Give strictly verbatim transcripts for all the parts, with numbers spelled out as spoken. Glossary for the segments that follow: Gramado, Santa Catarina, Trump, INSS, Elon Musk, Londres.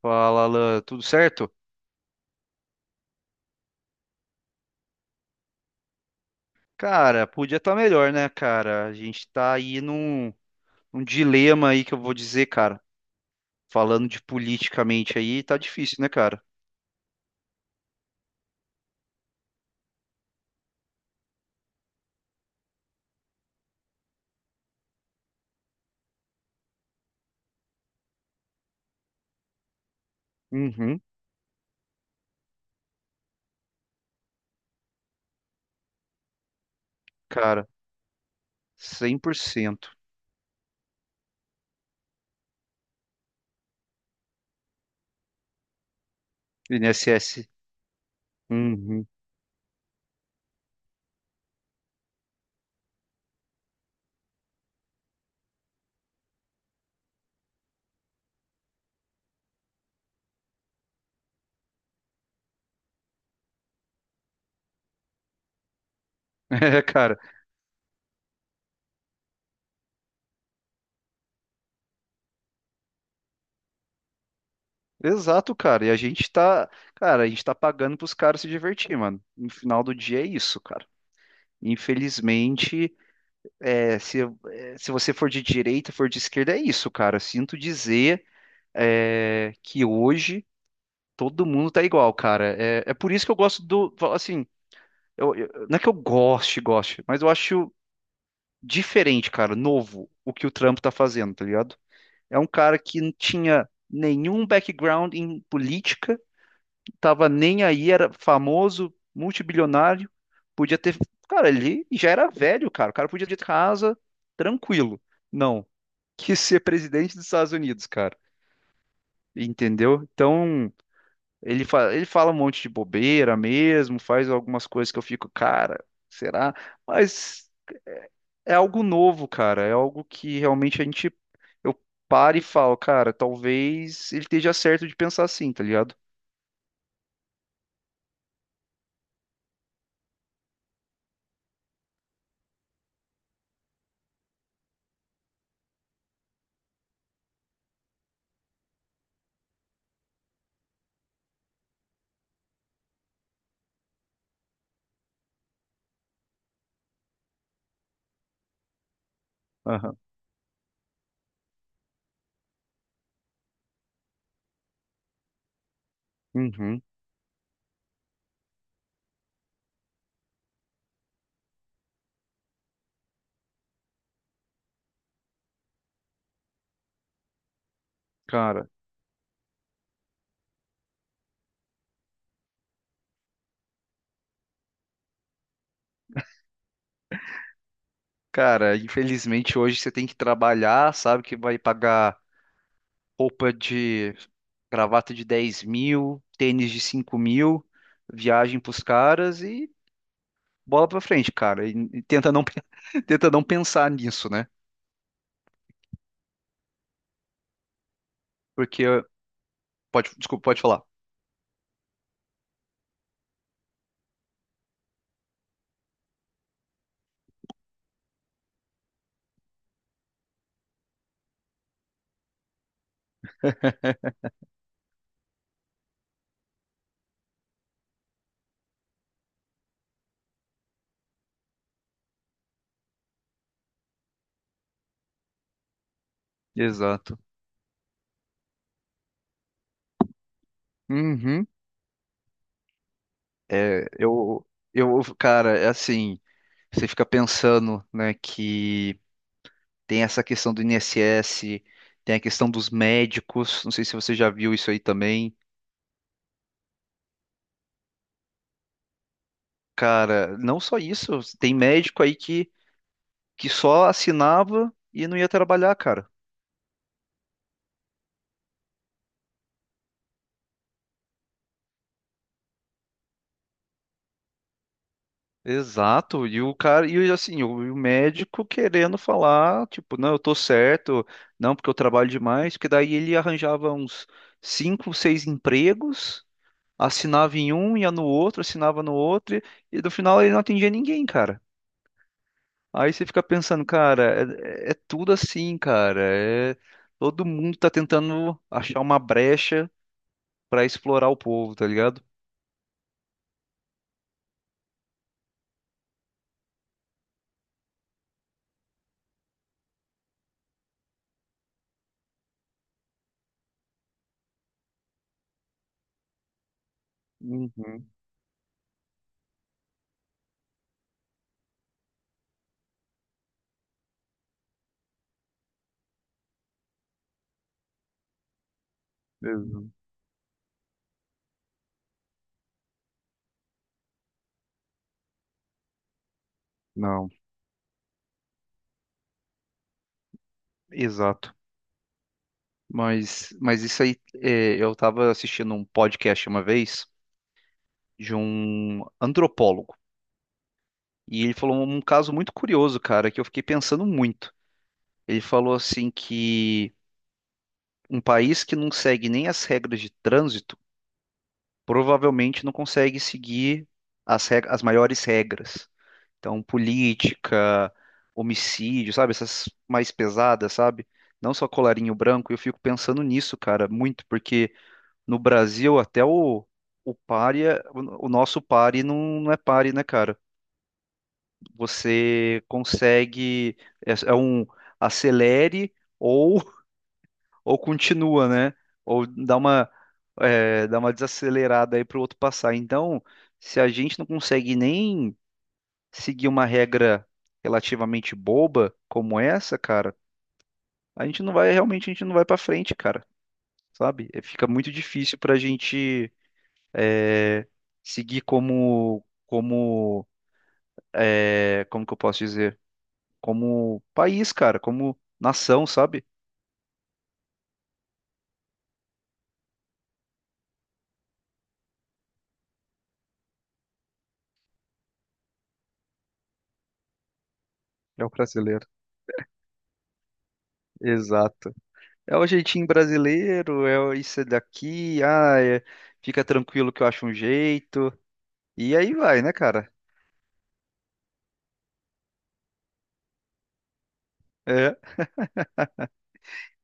Fala, Alan, tudo certo? Cara, podia estar melhor, né, cara? A gente tá aí num, num dilema aí que eu vou dizer, cara. Falando de politicamente aí, tá difícil, né, cara? Uhum, cara, cem por cento. I N S S. Uhum. É, cara, exato, cara. E a gente tá, cara, a gente tá pagando pros caras se divertir, mano. No final do dia é isso, cara. Infelizmente, é, se, é, se você for de direita, for de esquerda, é isso, cara. Sinto dizer. É, que hoje todo mundo tá igual, cara. É, é por isso que eu gosto do, falo assim, eu- eu- não é que eu goste, goste, mas eu acho diferente, cara, novo o que o Trump tá fazendo, tá ligado? É um cara que não tinha nenhum background em política, tava nem aí, era famoso, multibilionário, podia ter, cara, ele já era velho, cara, o cara podia ter casa tranquilo. Não, quis ser presidente dos Estados Unidos, cara. Entendeu? Então, Ele fala, ele fala um monte de bobeira mesmo, faz algumas coisas que eu fico, cara, será? Mas é é algo novo, cara. É algo que realmente a gente, eu paro e falo, cara, talvez ele esteja certo de pensar assim, tá ligado? Aham. Uhum. Cara, cara, infelizmente hoje você tem que trabalhar, sabe que vai pagar roupa de gravata de dez mil, tênis de cinco mil, viagem pros caras e bola pra frente, cara, e, e tenta não, pe- tenta não pensar nisso, né? Porque, pode, desculpa, pode falar. Exato. Uhum. É, eu, eu, cara, é assim, você fica pensando, né, que tem essa questão do I N S S, tem a questão dos médicos, não sei se você já viu isso aí também. Cara, não só isso, tem médico aí que, que só assinava e não ia trabalhar, cara. Exato, e o cara, e assim, o, e o médico querendo falar, tipo, não, eu tô certo, não, porque eu trabalho demais, porque daí ele arranjava uns cinco, seis empregos, assinava em um, ia no outro, assinava no outro, e no final ele não atendia ninguém, cara. Aí você fica pensando, cara, é, é é tudo assim, cara, é, todo mundo tá tentando achar uma brecha pra explorar o povo, tá ligado? Uhum, exa- não, exato. Mas, mas isso aí, é, eu estava assistindo um podcast uma vez de um antropólogo. E ele falou um um caso muito curioso, cara, que eu fiquei pensando muito. Ele falou assim que um país que não segue nem as regras de trânsito provavelmente não consegue seguir as, reg- as maiores regras. Então, política, homicídio, sabe? Essas mais pesadas, sabe? Não só colarinho branco. Eu fico pensando nisso, cara, muito. Porque. No Brasil, até o, o pare, é- o nosso pare não, não é pare, né, cara? Você consegue, é, é um acelere ou, ou continua, né? Ou dá uma, é, dá uma desacelerada aí para o outro passar. Então, se a gente não consegue nem seguir uma regra relativamente boba como essa, cara, a gente não vai, realmente, a gente não vai para frente, cara, sabe? É, fica muito difícil para a gente é, seguir como, como, é, como que eu posso dizer? Como país, cara, como nação, sabe? É o brasileiro. Exato. É o jeitinho brasileiro, é o- isso é daqui, ah, é- fica tranquilo que eu acho um jeito. E aí vai, né, cara? É.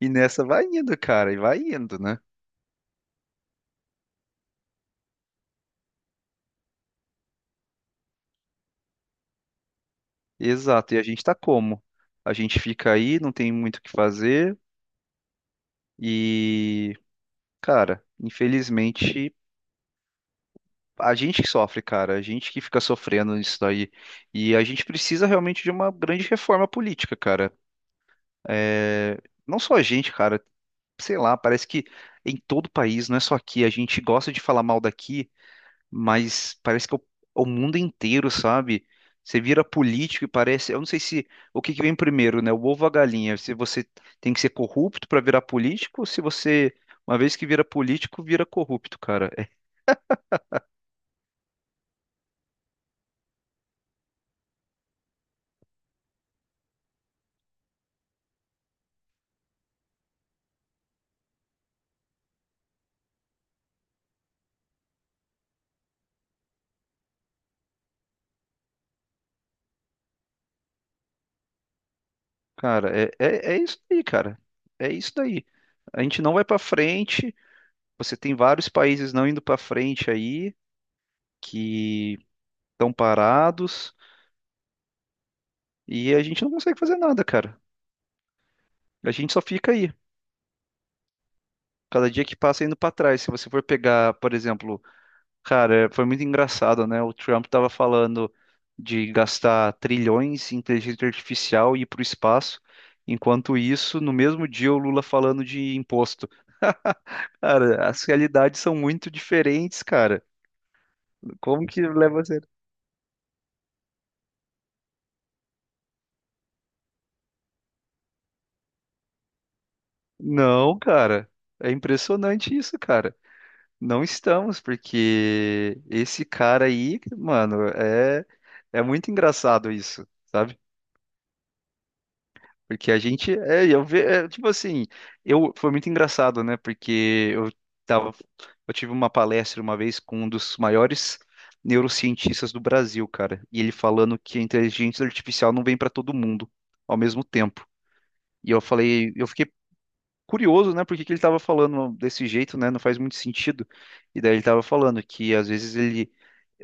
E nessa vai indo, cara, e vai indo, né? Exato. E a gente tá como? A gente fica aí, não tem muito o que fazer e, cara, infelizmente a gente que sofre, cara, a gente que fica sofrendo isso daí. E a gente precisa realmente de uma grande reforma política, cara. É, não só a gente, cara, sei lá, parece que em todo o país, não é só aqui, a gente gosta de falar mal daqui, mas parece que é o, o mundo inteiro, sabe? Você vira político e parece, eu não sei se o que que vem primeiro, né? O ovo ou a galinha? Se você tem que ser corrupto para virar político, ou se você, uma vez que vira político, vira corrupto, cara. Cara, é, é, é isso aí, cara. É isso daí. A gente não vai pra frente. Você tem vários países não indo pra frente aí, que estão parados, e a gente não consegue fazer nada, cara. A gente só fica aí. Cada dia que passa indo pra trás. Se você for pegar, por exemplo, cara, foi muito engraçado, né? O Trump tava falando de gastar trilhões em inteligência artificial e ir pro espaço. Enquanto isso, no mesmo dia, o Lula falando de imposto. Cara, as realidades são muito diferentes, cara. Como que leva a sério? Não, cara. É impressionante isso, cara. Não estamos, porque esse cara aí, mano, é, é muito engraçado isso. Porque a gente, é, eu ve, é, tipo assim, eu foi muito engraçado, né? Porque eu tava, eu tive uma palestra uma vez com um dos maiores neurocientistas do Brasil, cara, e ele falando que a inteligência artificial não vem para todo mundo ao mesmo tempo. E eu falei, eu fiquei curioso, né? Por que que ele estava falando desse jeito, né? Não faz muito sentido. E daí ele estava falando que às vezes ele,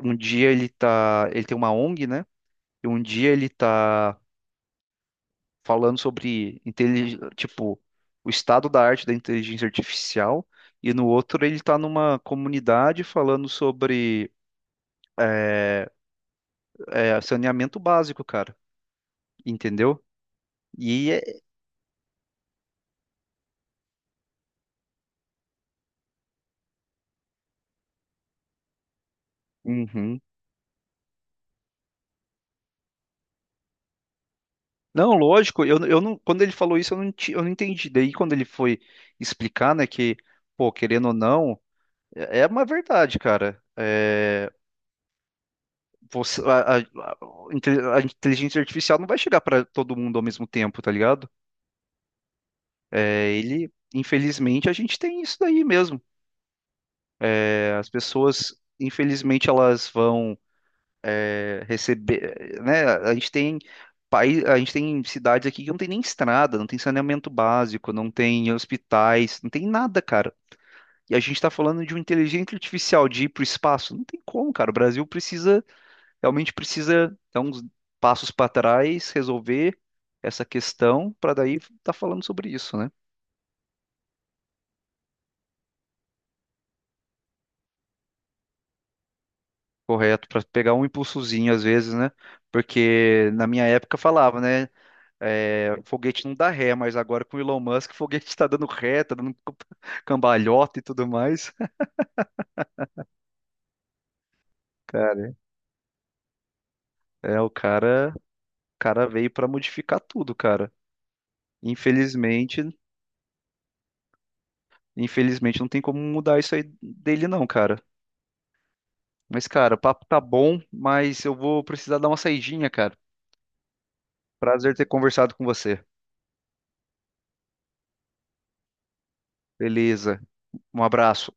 um dia ele tá, ele tem uma ONG, né? E um dia ele tá falando sobre intelig... tipo o estado da arte da inteligência artificial e no outro ele está numa comunidade falando sobre é, é, saneamento básico, cara, entendeu? E é... Uhum. Não, lógico, eu, eu não, quando ele falou isso eu não, ti- eu não entendi. Daí quando ele foi explicar, né, que pô, querendo ou não, é é uma verdade, cara. É, você, a, a- a- a inte- a inteligência artificial não vai chegar para todo mundo ao mesmo tempo, tá ligado? É, ele, infelizmente, a gente tem isso daí mesmo. É, as pessoas, infelizmente, elas vão é, receber, né? A gente tem país, a gente tem cidades aqui que não tem nem estrada, não tem saneamento básico, não tem hospitais, não tem nada, cara. E a gente está falando de uma inteligência artificial de ir para o espaço. Não tem como, cara. O Brasil precisa, realmente precisa dar uns passos para trás, resolver essa questão, para daí estar falando sobre isso, né? Correto, para pegar um impulsozinho às vezes, né? Porque na minha época falava, né? É, foguete não dá ré, mas agora com o Elon Musk, o foguete tá dando ré, tá dando cambalhota e tudo mais. Cara, é, o cara, o cara veio para modificar tudo, cara. Infelizmente, infelizmente não tem como mudar isso aí dele não, cara. Mas, cara, o papo tá bom, mas eu vou precisar dar uma saidinha, cara. Prazer ter conversado com você. Beleza. Um abraço.